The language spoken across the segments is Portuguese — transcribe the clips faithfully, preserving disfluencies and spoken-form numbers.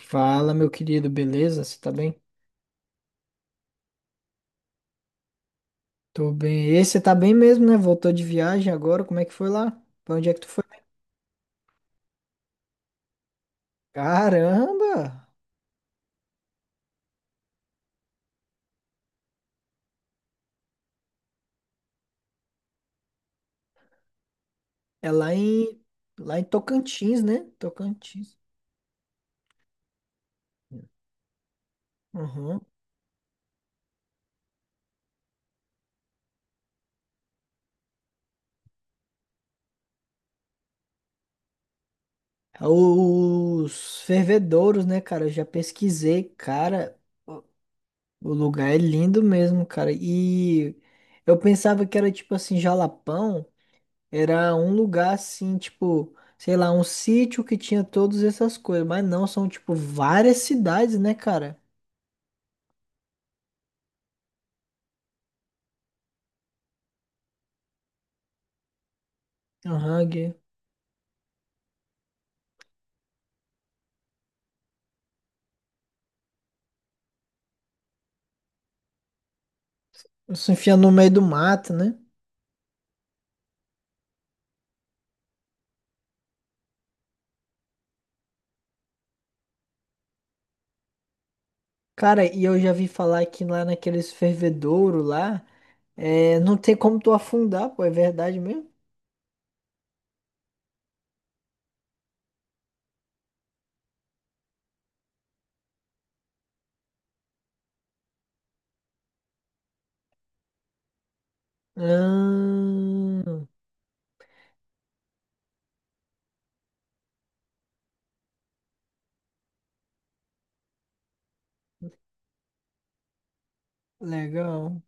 Fala, meu querido, beleza? Você tá bem? Tô bem. E você tá bem mesmo, né? Voltou de viagem agora, como é que foi lá? Pra onde é que tu foi? Caramba! É lá em, lá em Tocantins, né? Tocantins. Uhum. É os fervedouros, né, cara? Eu já pesquisei, cara. O o lugar é lindo mesmo, cara. E eu pensava que era tipo assim, Jalapão. Era um lugar assim, tipo, sei lá, um sítio que tinha todas essas coisas. Mas não, são tipo várias cidades, né, cara? Aham, Gui. Se enfiando no meio do mato, né? Cara, e eu já vi falar que lá naqueles fervedouro lá, é, não tem como tu afundar, pô, é verdade mesmo? Ah, legal.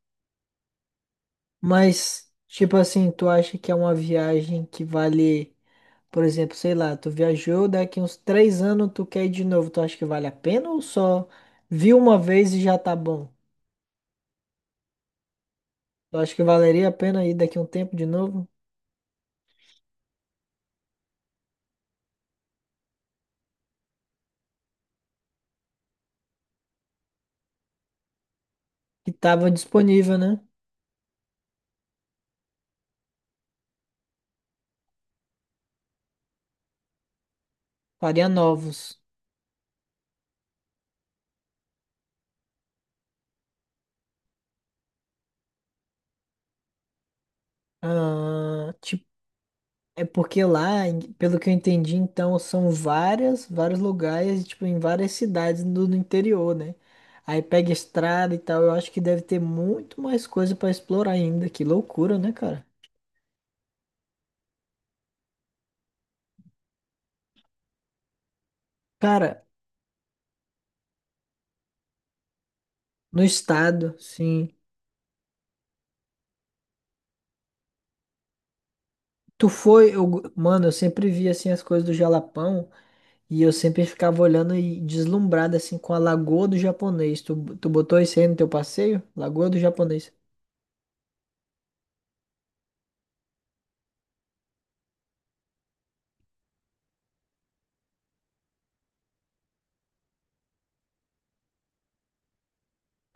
Mas, tipo assim, tu acha que é uma viagem que vale. Por exemplo, sei lá, tu viajou, daqui uns três anos tu quer ir de novo, tu acha que vale a pena ou só viu uma vez e já tá bom? Tu acha que valeria a pena ir daqui um tempo de novo? Que tava disponível, né? Faria novos. Ah, tipo, é porque lá, em- pelo que eu entendi, então, são várias, vários lugares, tipo, em várias cidades do, do interior, né? Aí pega estrada e tal, eu acho que deve ter muito mais coisa pra explorar ainda. Que loucura, né, cara? Cara, no estado, sim. Tu foi, eu- mano, eu sempre via assim as coisas do Jalapão e eu sempre ficava olhando e deslumbrado assim com a Lagoa do Japonês. Tu, tu botou isso aí no teu passeio? Lagoa do Japonês.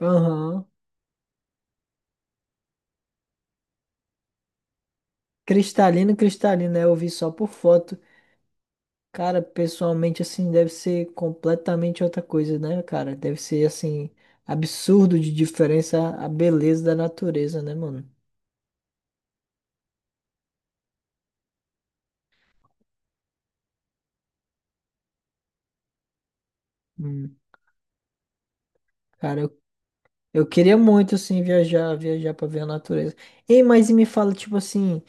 Aham. Cristalino, cristalino, né? Eu vi só por foto. Cara, pessoalmente assim deve ser completamente outra coisa, né, cara? Deve ser assim absurdo de diferença a a beleza da natureza, né, mano? Hum. Cara, eu, eu queria muito assim viajar, viajar pra ver a natureza. Ei, mas e me fala tipo assim,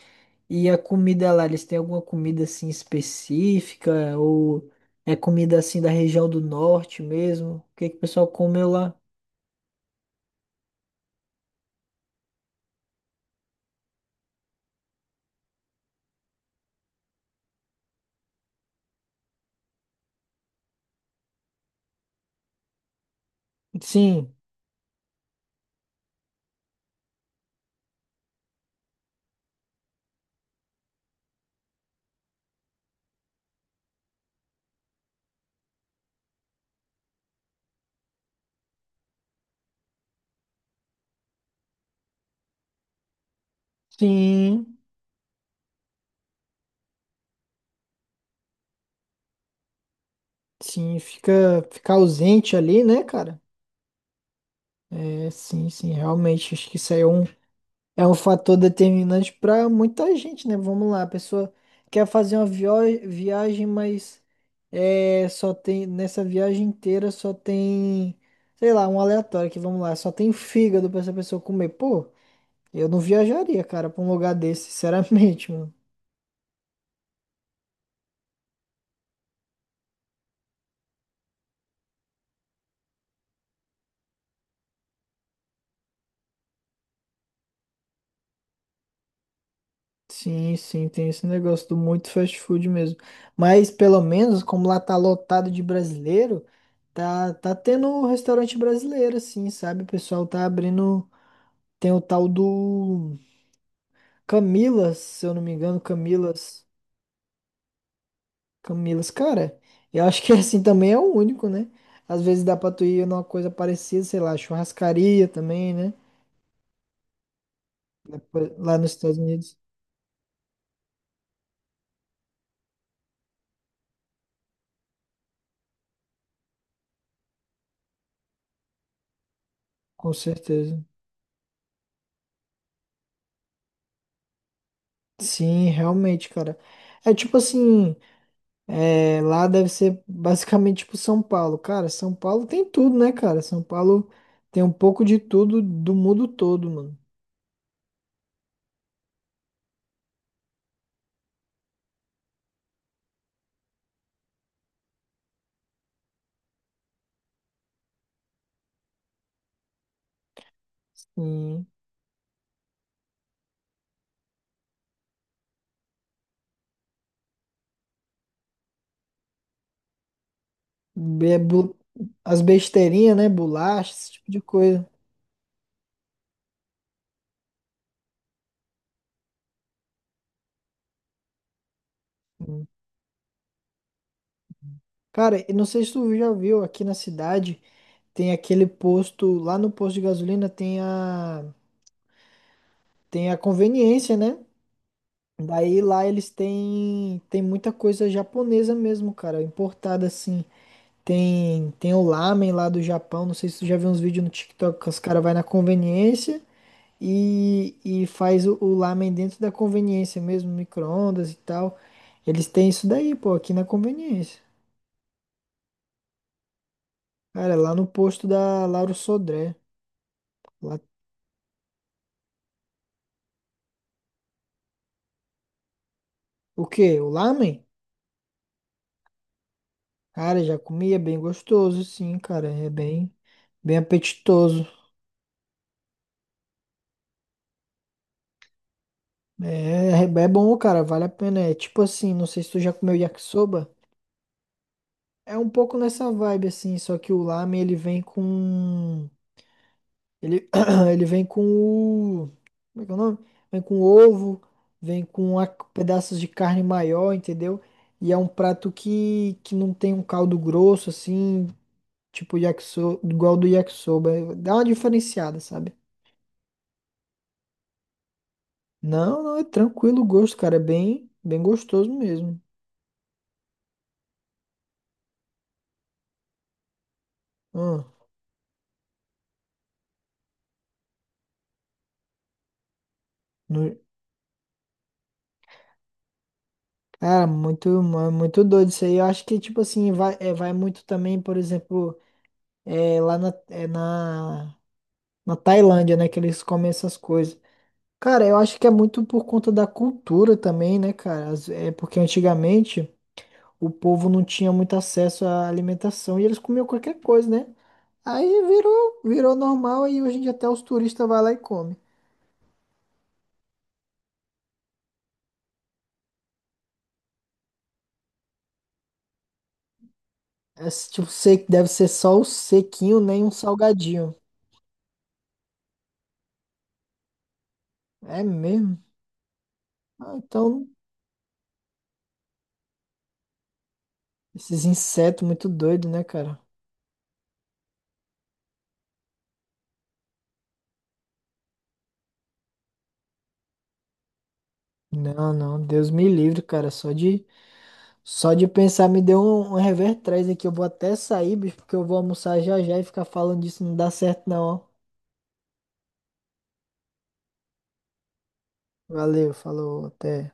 e a comida lá, eles têm alguma comida assim específica? Ou é comida assim da região do norte mesmo? O que que o pessoal comeu lá? Sim, sim, sim, fica, fica ausente ali, né, cara? É, sim, sim, realmente, acho que isso aí é um. É um fator determinante para muita gente, né? Vamos lá, a pessoa quer fazer uma vio- viagem, mas é, só tem nessa viagem inteira só tem, sei lá, um aleatório que vamos lá, só tem fígado para essa pessoa comer. Pô, eu não viajaria, cara, para um lugar desse, sinceramente, mano. Sim, sim, tem esse negócio do muito fast food mesmo. Mas pelo menos, como lá tá lotado de brasileiro, tá tá tendo um restaurante brasileiro, assim, sabe? O pessoal tá abrindo. Tem o tal do Camilas, se eu não me engano, Camilas. Camilas, cara, eu acho que assim também é o único, né? Às vezes dá pra tu ir numa coisa parecida, sei lá, churrascaria também, né? Depois- lá nos Estados Unidos, com certeza. Sim, realmente, cara. É tipo assim, é, lá deve ser basicamente tipo São Paulo. Cara, São Paulo tem tudo, né, cara? São Paulo tem um pouco de tudo do mundo todo, mano. Sim. Be- bu- As besteirinhas, né? Bolachas, esse tipo de coisa. Hum. Cara, eu não sei se tu já viu, aqui na cidade tem aquele posto, lá no posto de gasolina tem a, tem a conveniência, né? Daí lá eles têm, tem muita coisa japonesa mesmo, cara, importada assim. Tem, tem o lamen lá do Japão, não sei se tu já viu uns vídeos no TikTok que os caras vai na conveniência. e, e faz o, o lamen dentro da conveniência mesmo, micro-ondas e tal. Eles têm isso daí, pô, aqui na conveniência. Cara, lá no posto da Lauro Sodré. Lá- o quê? O lamen? Cara, já comia bem gostoso, sim, cara. É bem, bem apetitoso. É, é é bom, cara, vale a pena. É tipo assim, não sei se tu já comeu yakisoba. É um pouco nessa vibe, assim, só que o lamen ele vem com. Ele, ele vem com o. Como é que é o nome? Vem com ovo, vem com a- pedaços de carne maior, entendeu? E é um prato que, que não tem um caldo grosso, assim, tipo yakisoba, igual do yakisoba. Dá uma diferenciada, sabe? Não, não, é tranquilo o gosto, cara. É bem, bem gostoso mesmo. Hum, no- cara, muito, mu- muito doido isso aí. Eu acho que, tipo assim, vai, é, vai muito também, por exemplo, é, lá na, é na, na Tailândia, né? Que eles comem essas coisas. Cara, eu acho que é muito por conta da cultura também, né, cara? As- É porque antigamente o povo não tinha muito acesso à alimentação e eles comiam qualquer coisa, né? Aí virou, virou normal e hoje em dia até os turistas vão lá e comem. É, s- tipo, sei deve ser só o sequinho, nem um salgadinho. É mesmo? Ah, então, esses insetos muito doidos, né, cara? Não, não, Deus me livre, cara, só de só de pensar me deu um, um revertério aqui. Eu vou até sair, bicho, porque eu vou almoçar já já e ficar falando disso não dá certo, não. Ó. Valeu, falou, até.